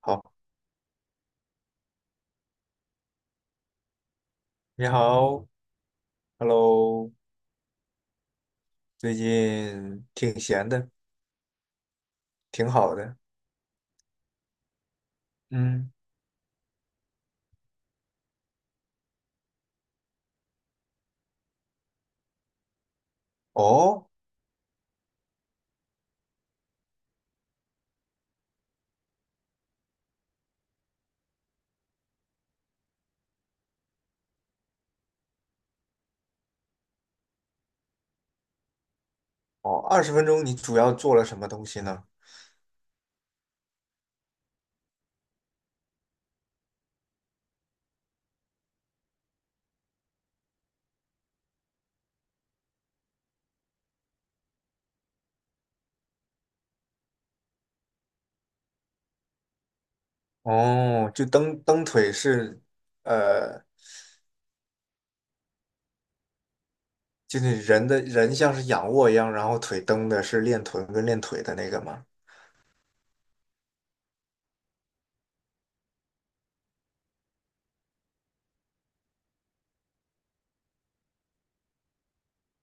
好，你好，Hello，最近挺闲的，挺好的。嗯，哦，哦，20分钟你主要做了什么东西呢？哦，就蹬蹬腿是，呃，就是人像是仰卧一样，然后腿蹬的是练臀跟练腿的那个吗？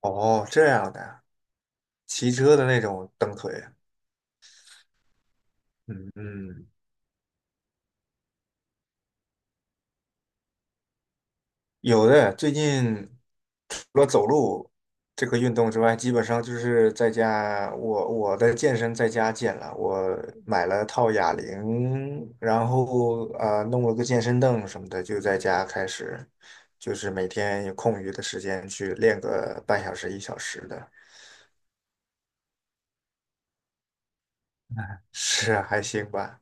哦，这样的啊，骑车的那种蹬腿。嗯嗯，有的，最近除了走路这个运动之外，基本上就是在家，我的健身在家健了。我买了套哑铃，然后弄了个健身凳什么的，就在家开始，就是每天有空余的时间去练个半小时一小时的，是啊还行吧。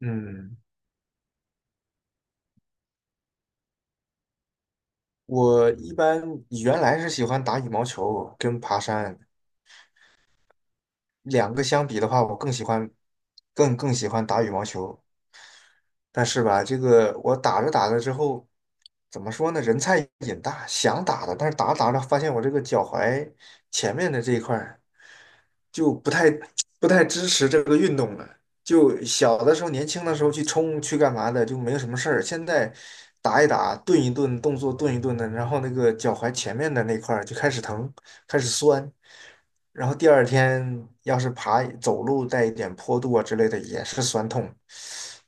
嗯，我一般原来是喜欢打羽毛球跟爬山，两个相比的话，我更更喜欢打羽毛球。但是吧，这个我打着打着之后，怎么说呢？人菜瘾大，想打的，但是打着打着发现我这个脚踝前面的这一块儿就不太 不太支持这个运动了。就小的时候，年轻的时候去冲去干嘛的，就没有什么事儿。现在打一打，顿一顿，动作顿一顿的，然后那个脚踝前面的那块儿就开始疼，开始酸。然后第二天要是走路带一点坡度啊之类的，也是酸痛，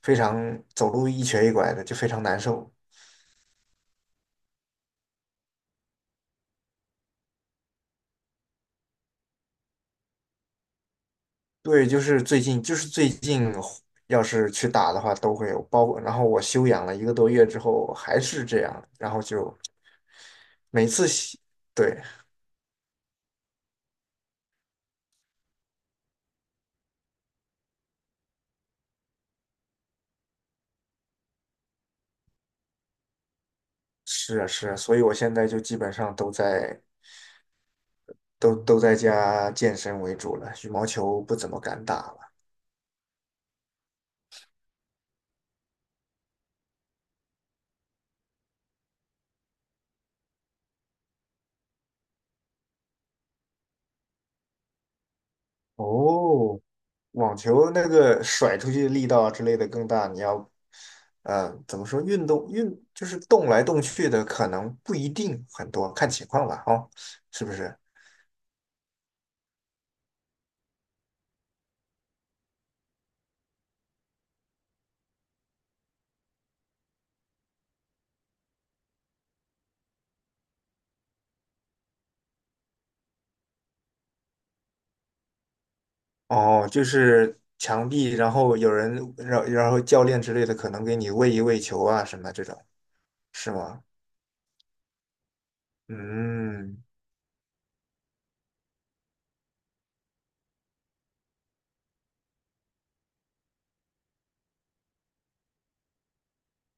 非常走路一瘸一拐的，就非常难受。对，就是最近，要是去打的话都会有，包括然后我休养了一个多月之后还是这样，然后就每次洗，对，是啊是啊，所以我现在就基本上都在家健身为主了，羽毛球不怎么敢打了。哦，网球那个甩出去力道啊之类的更大，你要，怎么说运动就是动来动去的，可能不一定很多，看情况吧，哦，是不是？哦，就是墙壁，然后有人，然后教练之类的，可能给你喂一喂球啊什么这种，是吗？嗯，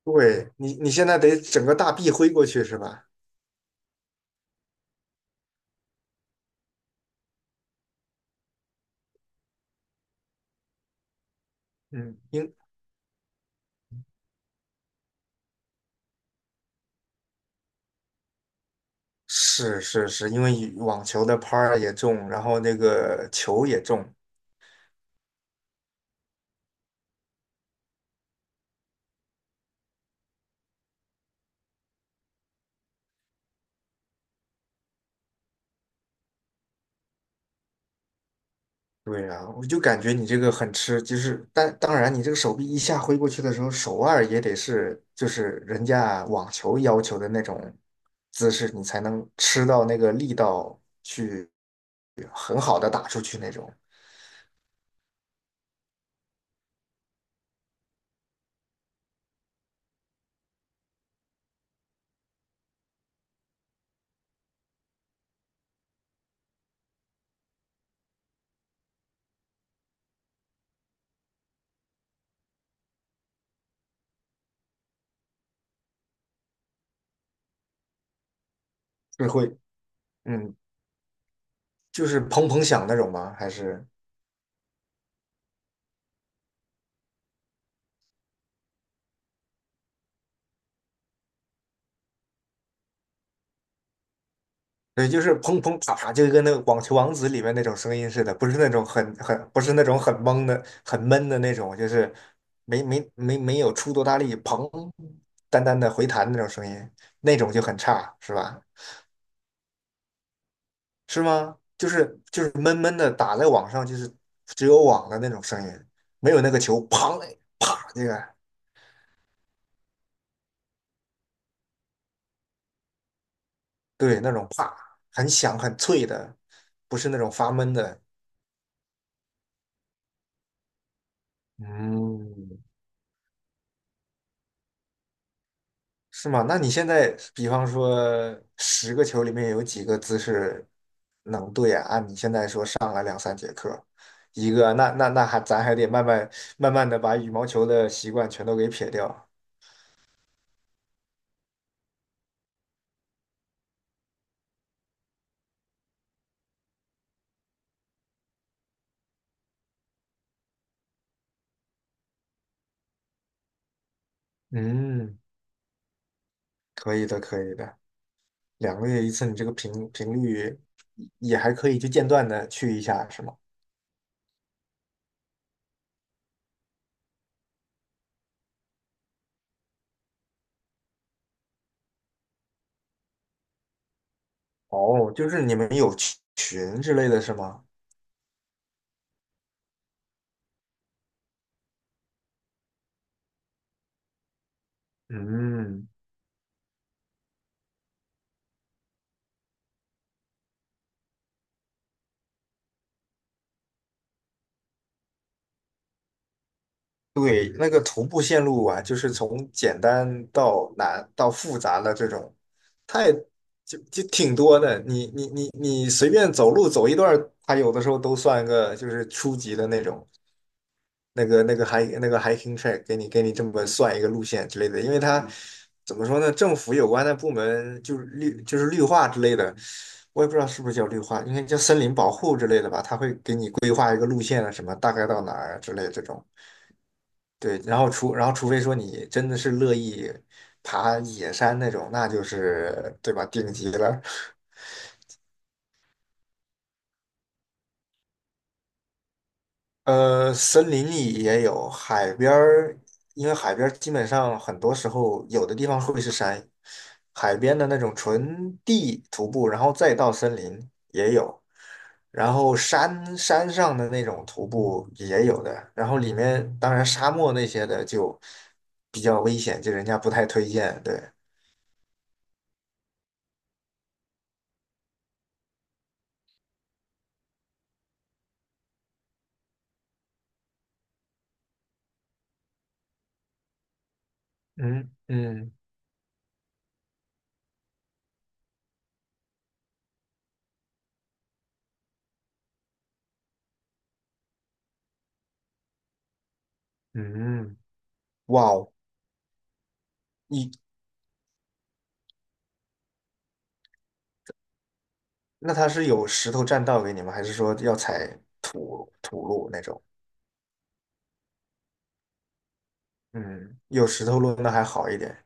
对，你现在得整个大臂挥过去是吧？嗯，应是是是，因为网球的拍儿也重，然后那个球也重，对呀，我就感觉你这个很吃，就是但当然，你这个手臂一下挥过去的时候，手腕也得是就是人家网球要求的那种姿势，你才能吃到那个力道去很好的打出去那种，是会嗯，就是砰砰响那种吗？还是？对，就是砰砰啪啪，就跟那个《网球王子》里面那种声音似的，不是那种很，不是那种很懵的、很闷的那种，就是没有出多大力，砰，单单的回弹那种声音，那种就很差，是吧？是吗？就是闷闷的打在网上，就是只有网的那种声音，没有那个球砰那个对那种啪，很响很脆的，不是那种发闷的。嗯，是吗？那你现在，比方说10个球里面有几个姿势能对啊？按你现在说上课一个，那那那还咱还得慢慢的把羽毛球的习惯全都给撇掉。嗯，可以的，可以的。2个月一次，你这个频率也还可以，就间断的去一下，是吗？哦，就是你们有群之类的是吗？嗯，对，那个徒步线路啊，就是从简单到难到复杂的这种，太就挺多的。你随便走路走一段儿，它有的时候都算个就是初级的那种那个那个还那个 hiking track，给你这么算一个路线之类的。因为它怎么说呢，政府有关的部门就是绿化之类的，我也不知道是不是叫绿化，应该叫森林保护之类的吧。它会给你规划一个路线啊，什么大概到哪儿啊之类的这种。对，然后除非说你真的是乐意爬野山那种，那就是对吧，顶级了。森林里也有，海边儿，因为海边儿基本上很多时候有的地方会是山，海边的那种纯地徒步，然后再到森林也有，然后山上的那种徒步也有的，然后里面当然沙漠那些的就比较危险，就人家不太推荐，对。嗯嗯嗯，哇哦，你那它是有石头栈道给你吗？还是说要踩土路那种？嗯，有石头路那还好一点。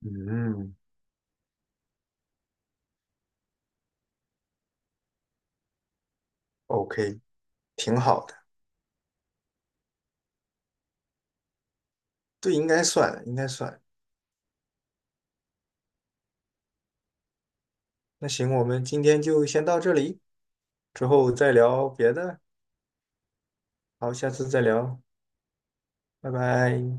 嗯，OK，挺好的。对，应该算，应该算。那行，我们今天就先到这里，之后再聊别的。好，下次再聊，拜拜。